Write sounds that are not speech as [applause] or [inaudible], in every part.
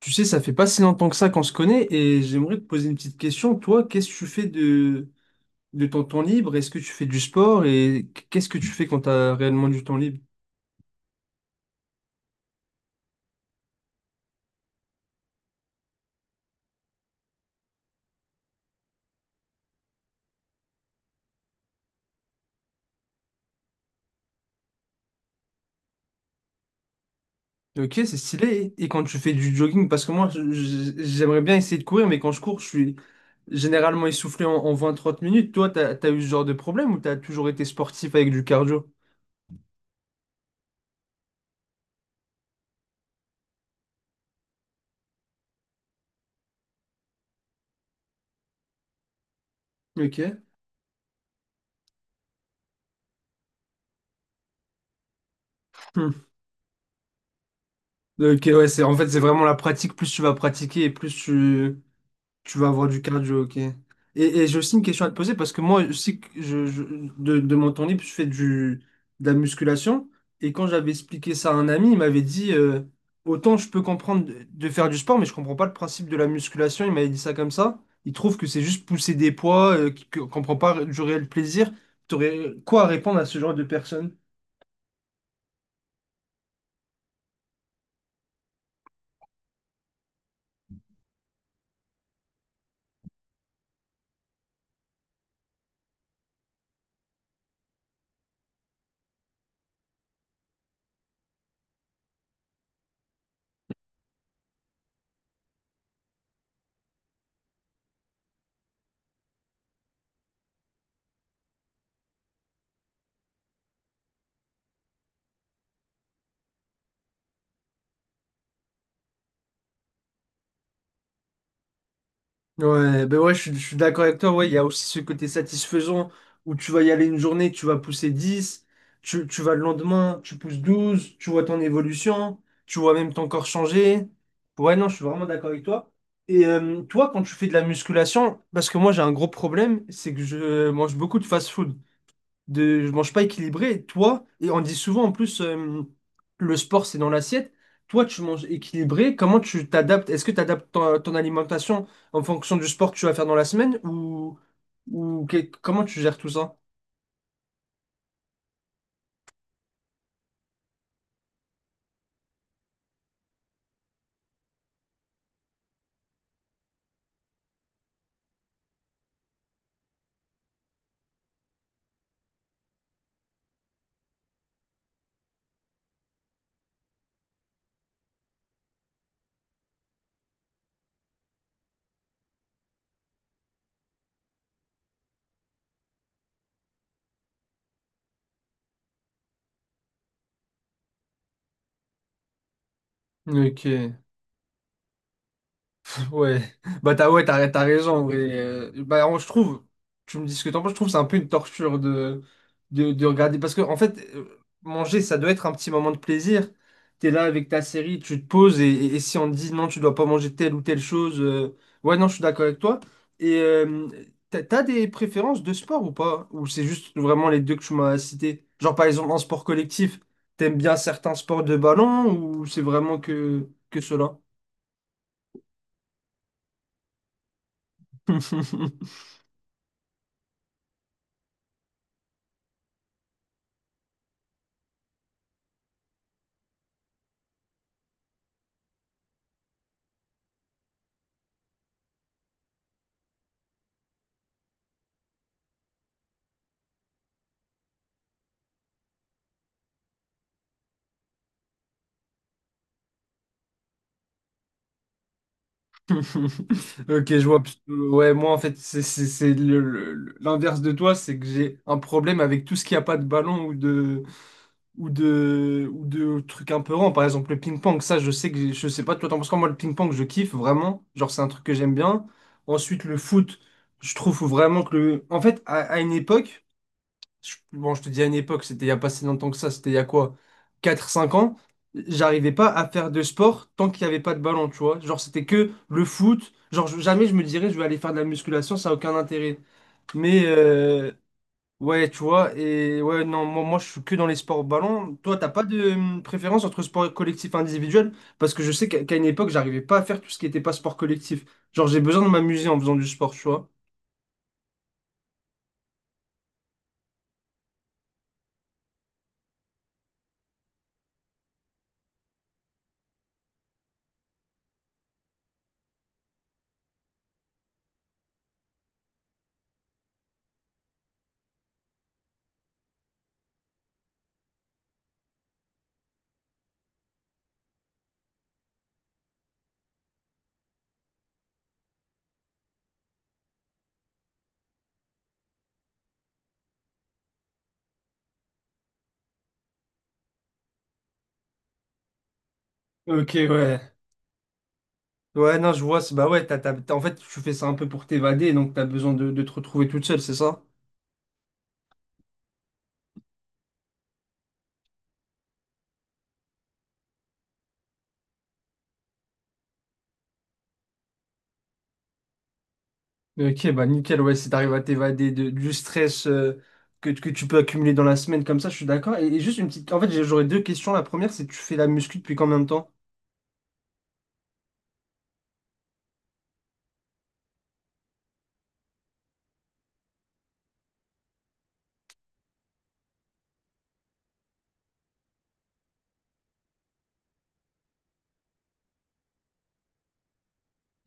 Tu sais, ça fait pas si longtemps que ça qu'on se connaît et j'aimerais te poser une petite question. Toi, qu'est-ce que tu fais de ton temps libre? Est-ce que tu fais du sport et qu'est-ce que tu fais quand tu as réellement du temps libre? Ok, c'est stylé. Et quand tu fais du jogging, parce que moi, j'aimerais bien essayer de courir, mais quand je cours, je suis généralement essoufflé en 20-30 minutes. Toi, t'as eu ce genre de problème ou t'as toujours été sportif avec du cardio? Ok. Hmm. Ok, ouais, c'est, en fait, c'est vraiment la pratique. Plus tu vas pratiquer et plus tu, tu vas avoir du cardio, ok. Et j'ai aussi une question à te poser parce que moi, je sais que de mon temps libre, je fais de la musculation. Et quand j'avais expliqué ça à un ami, il m'avait dit autant je peux comprendre de faire du sport, mais je comprends pas le principe de la musculation. Il m'avait dit ça comme ça. Il trouve que c'est juste pousser des poids, qu'on comprend pas du réel plaisir. T'aurais quoi à répondre à ce genre de personne? Ouais, ben ouais, je suis d'accord avec toi. Ouais, il y a aussi ce côté satisfaisant où tu vas y aller une journée, tu vas pousser 10 tu vas le lendemain, tu pousses 12 tu vois ton évolution, tu vois même ton corps changer. Ouais, non, je suis vraiment d'accord avec toi. Et toi, quand tu fais de la musculation, parce que moi j'ai un gros problème, c'est que je mange beaucoup de fast-food de je mange pas équilibré. Toi, et on dit souvent en plus le sport c'est dans l'assiette. Toi, tu manges équilibré. Comment tu t'adaptes? Est-ce que tu adaptes ton alimentation en fonction du sport que tu vas faire dans la semaine ou, comment tu gères tout ça? Ok. Ouais, t'as raison. En vrai. Je trouve, tu me dis ce que t'en penses, je trouve que c'est un peu une torture de regarder. Parce que en fait, manger, ça doit être un petit moment de plaisir. T'es là avec ta série, tu te poses, et si on te dit non, tu dois pas manger telle ou telle chose, ouais, non, je suis d'accord avec toi. Et t'as des préférences de sport ou pas? Ou c'est juste vraiment les deux que tu m'as cités? Genre par exemple en sport collectif, t'aimes bien certains sports de ballon ou c'est vraiment que cela? [laughs] [laughs] Ok, je vois. Ouais, moi, en fait, c'est l'inverse de toi, c'est que j'ai un problème avec tout ce qui a pas de ballon ou de, ou de trucs un peu rangs. Par exemple, le ping-pong, ça, je sais pas, toi, t'en penses quoi? Moi, le ping-pong, je kiffe vraiment. Genre, c'est un truc que j'aime bien. Ensuite, le foot, je trouve vraiment que le. En fait, à une époque bon, je te dis à une époque, c'était il y a pas si longtemps que ça, c'était il y a quoi, 4 5 ans, j'arrivais pas à faire de sport tant qu'il n'y avait pas de ballon, tu vois. Genre, c'était que le foot. Genre, jamais je me dirais, je vais aller faire de la musculation, ça n'a aucun intérêt. Mais, ouais, tu vois, et ouais, non, moi, je suis que dans les sports ballon. Toi, t'as pas de préférence entre sport collectif et individuel? Parce que je sais qu'à une époque, j'arrivais pas à faire tout ce qui n'était pas sport collectif. Genre, j'ai besoin de m'amuser en faisant du sport, tu vois. Ok, ouais. Ouais, non, je vois. Bah ouais, en fait, tu fais ça un peu pour t'évader, donc t'as besoin de te retrouver toute seule, c'est ça? Ok, bah nickel, ouais, si t'arrives à du stress que tu peux accumuler dans la semaine comme ça, je suis d'accord. Et juste une petite... En fait, j'aurais deux questions. La première, c'est tu fais la muscu depuis combien de temps?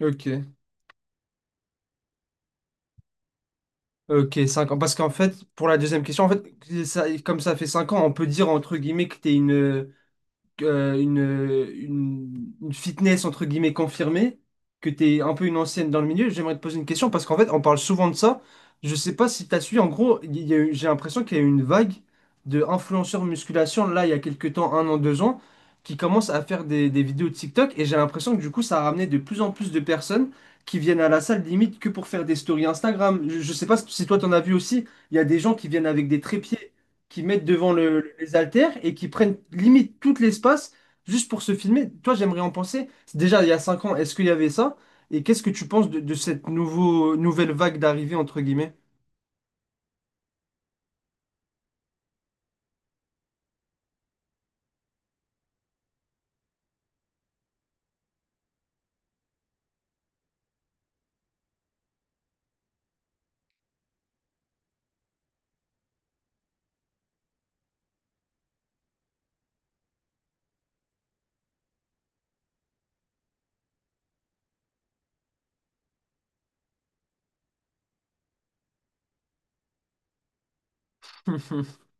Ok. Ok, 5 ans. Parce qu'en fait, pour la deuxième question, en fait, comme ça fait 5 ans, on peut dire entre guillemets que t'es euh, une, une fitness entre guillemets confirmée, que tu es un peu une ancienne dans le milieu, j'aimerais te poser une question parce qu'en fait, on parle souvent de ça. Je sais pas si tu as suivi, en gros, il y a eu- j'ai l'impression qu'il y a eu une vague de influenceurs musculation là, il y a quelques temps, 1 an, 2 ans, qui commencent à faire des vidéos de TikTok et j'ai l'impression que du coup, ça a ramené de plus en plus de personnes qui viennent à la salle limite que pour faire des stories Instagram. Je sais pas si toi, t'en as vu aussi, il y a des gens qui viennent avec des trépieds qui mettent devant les haltères et qui prennent limite tout l'espace juste pour se filmer. Toi, j'aimerais en penser. Déjà, il y a 5 ans, est-ce qu'il y avait ça? Et qu'est-ce que tu penses de cette nouvelle vague d'arrivée, entre guillemets? [laughs]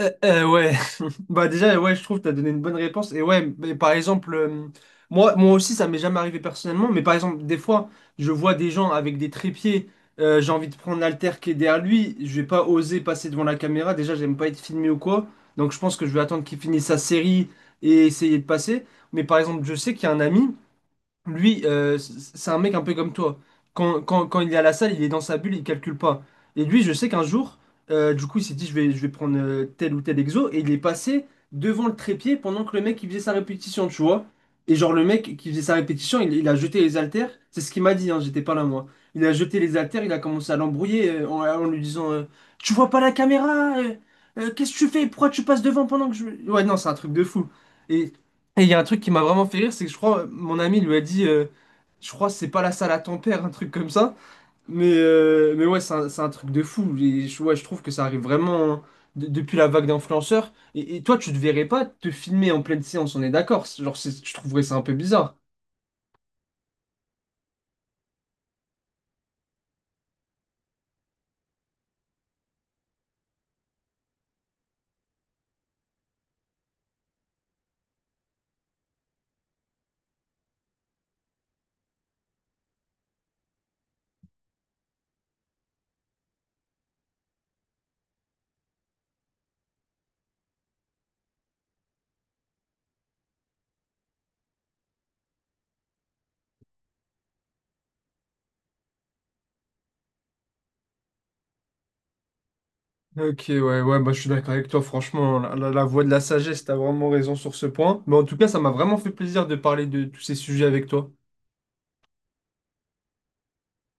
Ouais, bah déjà, ouais, je trouve que tu as donné une bonne réponse. Et ouais, mais par exemple, moi aussi, ça m'est jamais arrivé personnellement, mais par exemple, des fois, je vois des gens avec des trépieds, j'ai envie de prendre l'haltère qui est derrière lui, je vais pas oser passer devant la caméra, déjà, j'aime pas être filmé ou quoi, donc je pense que je vais attendre qu'il finisse sa série et essayer de passer. Mais par exemple, je sais qu'il y a un ami. Lui, c'est un mec un peu comme toi. Quand il est à la salle, il est dans sa bulle, il calcule pas. Et lui, je sais qu'un jour, du coup, il s'est dit, je vais prendre tel ou tel exo, et il est passé devant le trépied pendant que le mec, il faisait sa répétition, tu vois. Et genre, le mec qui faisait sa répétition, il a jeté les haltères. C'est ce qu'il m'a dit, hein, j'étais pas là, moi. Il a jeté les haltères, il a commencé à l'embrouiller en lui disant, tu vois pas la caméra, qu'est-ce que tu fais? Pourquoi tu passes devant pendant que je... Ouais, non, c'est un truc de fou. Et et il y a un truc qui m'a vraiment fait rire, c'est que je crois, mon ami lui a dit, je crois que c'est pas la salle à ton père, un truc comme ça. Mais ouais, c'est un truc de fou. Et je, ouais, je trouve que ça arrive vraiment depuis la vague d'influenceurs. Et toi, tu te verrais pas te filmer en pleine séance, on est d'accord. Je trouverais ça un peu bizarre. Ok, ouais, ouais, bah, je suis d'accord avec toi, franchement, la voix de la sagesse, t'as vraiment raison sur ce point. Mais en tout cas, ça m'a vraiment fait plaisir de parler de tous ces sujets avec toi.